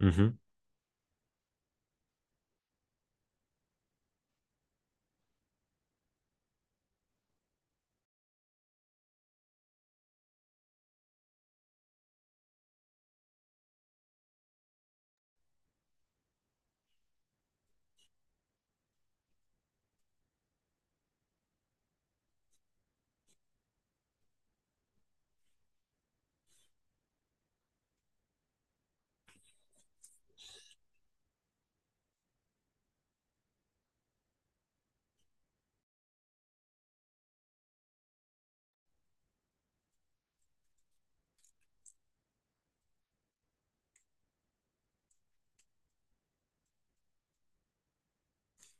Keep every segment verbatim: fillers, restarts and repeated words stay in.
مهم.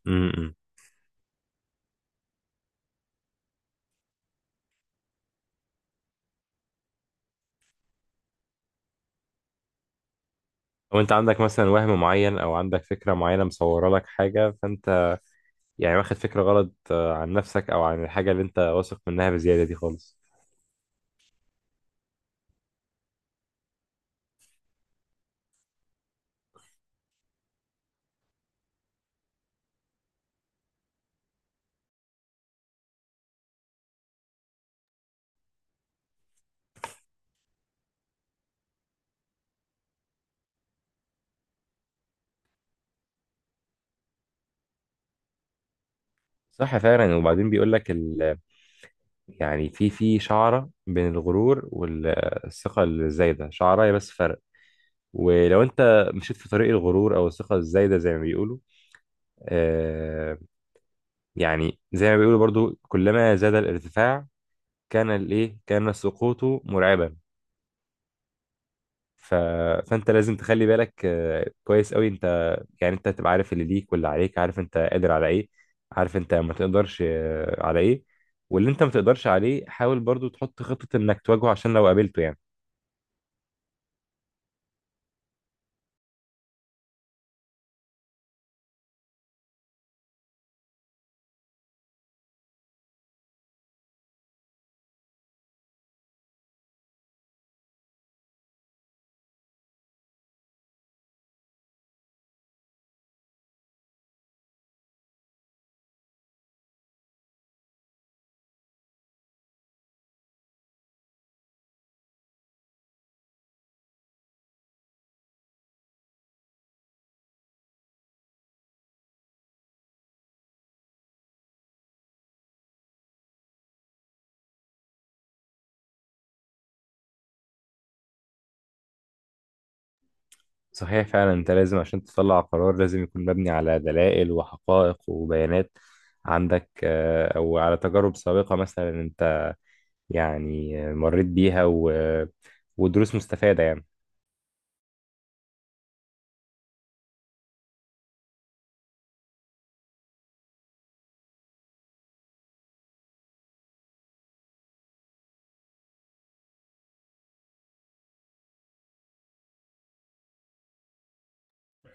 مم. او انت عندك مثلا وهم معين او عندك فكره معينه مصوره لك حاجه فانت يعني واخد فكره غلط آه، عن نفسك او عن الحاجه اللي انت واثق منها بزياده دي خالص. صح فعلا. وبعدين بيقول لك ال... يعني في في شعره بين الغرور والثقه الزايده، شعره هي بس فرق. ولو انت مشيت في طريق الغرور او الثقه الزايده زي ما بيقولوا آه يعني زي ما بيقولوا برضو كلما زاد الارتفاع كان الايه كان سقوطه مرعبا. ف... فانت لازم تخلي بالك آه، كويس قوي. انت يعني انت تبقى عارف اللي ليك واللي عليك، عارف انت قادر على ايه، عارف انت ما تقدرش آه، على ايه. واللي انت ما تقدرش عليه حاول برضو تحط خطة انك تواجهه عشان لو قابلته يعني. صحيح فعلا. انت لازم عشان تطلع قرار لازم يكون مبني على دلائل وحقائق وبيانات عندك، آه، او على تجارب سابقة مثلا، انت يعني مريت بيها و... ودروس مستفادة يعني.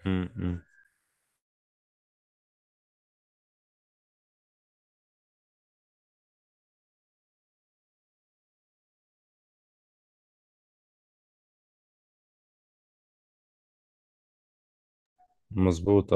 م- م. مظبوط.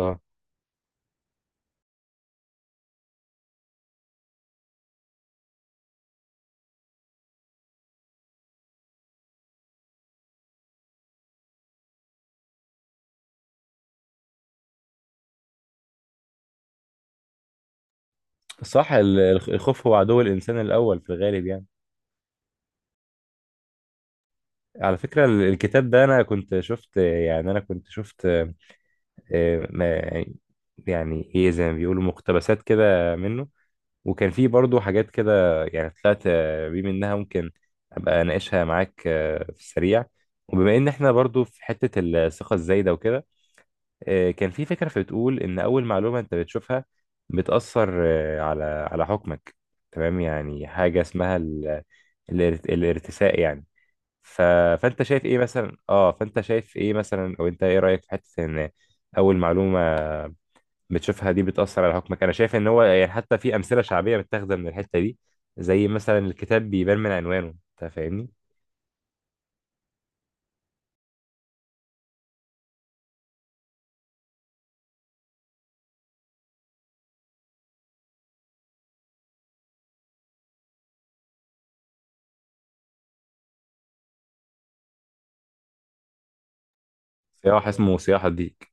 صح ال- الخ- الخوف هو عدو الإنسان الأول في الغالب يعني. على فكرة ال- الكتاب ده، أنا كنت شفت يعني أنا كنت شفت آه، ما- يعني إيه، زي ما بيقولوا مقتبسات كده منه، وكان فيه برضو حاجات كده يعني طلعت آه، بيه منها ممكن أبقى أناقشها معاك آه، في السريع. وبما إن إحنا برضو في حتة الثقة الزايدة وكده، آه، كان في فكرة بتقول إن أول معلومة أنت بتشوفها بتأثر آه، على على حكمك. تمام يعني حاجة اسمها ال- الارت- الارتساء يعني. ف... فأنت شايف إيه مثلا أه فأنت شايف إيه مثلا، أو أنت إيه رأيك في حتة إن أول معلومة بتشوفها دي بتأثر على حكمك؟ أنا شايف إن هو يعني حتى في أمثلة شعبية متاخدة من الحتة دي، زي مثلا الكتاب بيبان من عنوانه. أنت فاهمني؟ سياح، اسمه سياح الديك.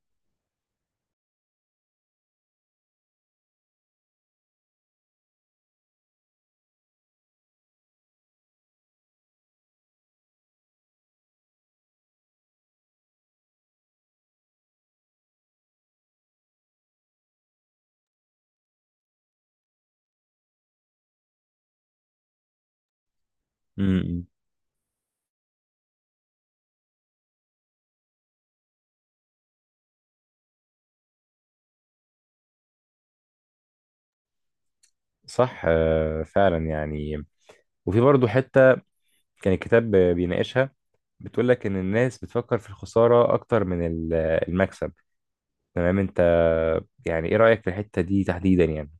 م- م. صح آه، فعلا يعني. وفي برضه حتة كان الكتاب بيناقشها، بتقول لك ان الناس بتفكر في الخساره اكتر من ال- المكسب. تمام. انت يعني ايه رايك في الحته دي تحديدا يعني؟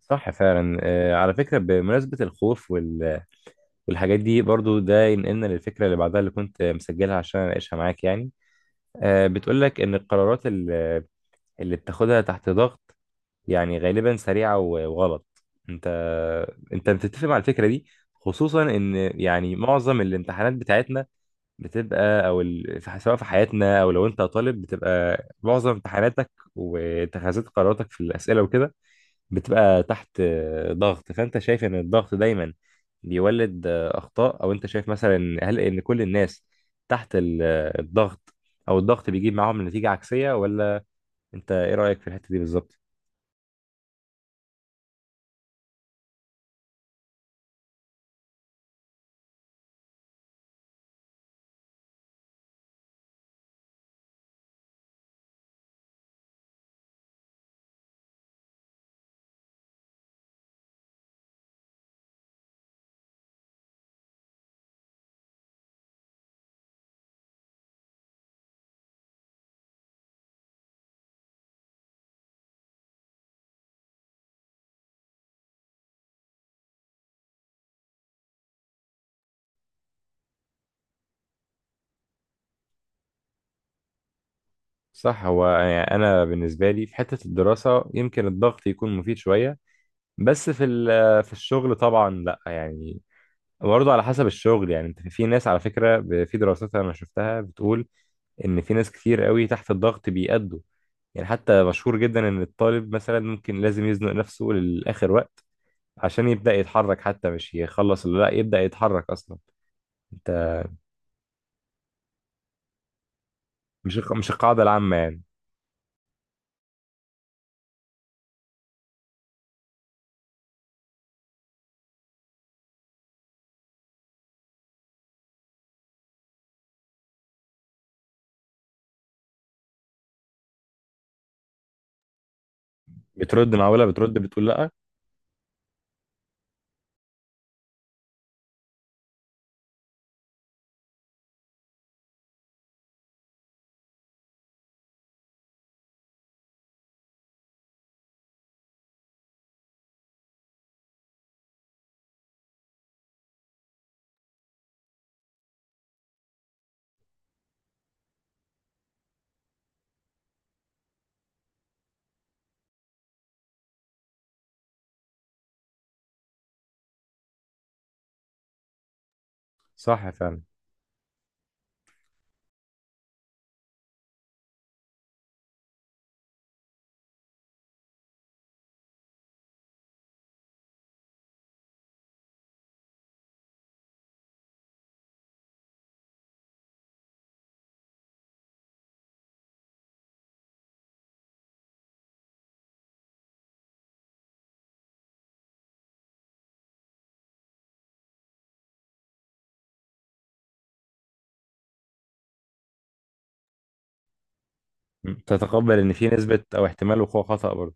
صح فعلا. آه، على فكره بمناسبه الخوف وال- والحاجات دي برضو ده ينقلنا للفكره اللي بعدها اللي كنت مسجلها عشان اناقشها معاك يعني. آه، بتقول لك ان القرارات ال- اللي بتاخدها تحت ضغط يعني غالبا سريعه و- وغلط. انت انت بتتفق مع الفكره دي؟ خصوصا ان يعني معظم الامتحانات بتاعتنا بتبقى او ال... في- سواء في حياتنا او لو انت طالب، بتبقى معظم امتحاناتك واتخاذات قراراتك في الاسئله وكده بتبقى تحت آه، ضغط. فانت شايف ان الضغط دايما بيولد آه، اخطاء، او انت شايف مثلا هل ان كل الناس تحت ال- آه، الضغط او الضغط بيجيب معاهم نتيجه عكسيه ولا؟ انت ايه رايك في الحته دي بالظبط؟ صح. هو يعني انا بالنسبه لي في حته الدراسه يمكن الضغط يكون مفيد شويه، بس في ال- آه، في الشغل طبعا لا يعني. برضه على حسب الشغل يعني. انت، في ناس على فكرة، ب- في دراسات انا شفتها بتقول ان في ناس كتير قوي تحت الضغط بيأدوا يعني. حتى مشهور جدا ان الطالب مثلا ممكن لازم يزنق نفسه للآخر وقت عشان يبدأ يتحرك، حتى مش يخلص اللي لا، يبدأ يتحرك اصلا. انت مش الق- مش القاعدة العامة يعني. بترد معقولة بترد بتقول لا؟ صح فعلا. م. تتقبل ان في نسبة او احتمال وقوع خطأ برضه.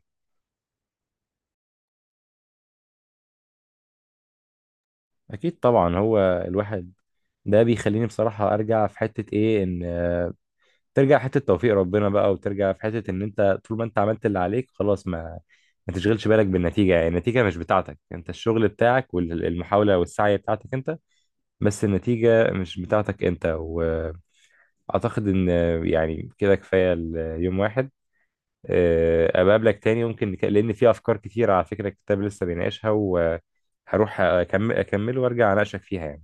اكيد طبعا. هو الواحد ده بيخليني بصراحة ارجع في حتة ايه، ان ترجع حته توفيق ربنا بقى، وترجع في حته ان انت طول ما انت عملت اللي عليك خلاص ما ما تشغلش بالك بالنتيجه، يعني النتيجه مش بتاعتك انت، الشغل بتاعك والمحاوله والسعي بتاعتك انت، بس النتيجه مش بتاعتك انت. واعتقد ان يعني كده كفايه اليوم واحد. آه، ابقى اقابلك تاني يمكن، نك- لان في افكار كتيره على فكره الكتاب لسه بيناقشها، وهروح أكم- اكمل وارجع اناقشك فيها يعني.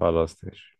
خلاص ماشي.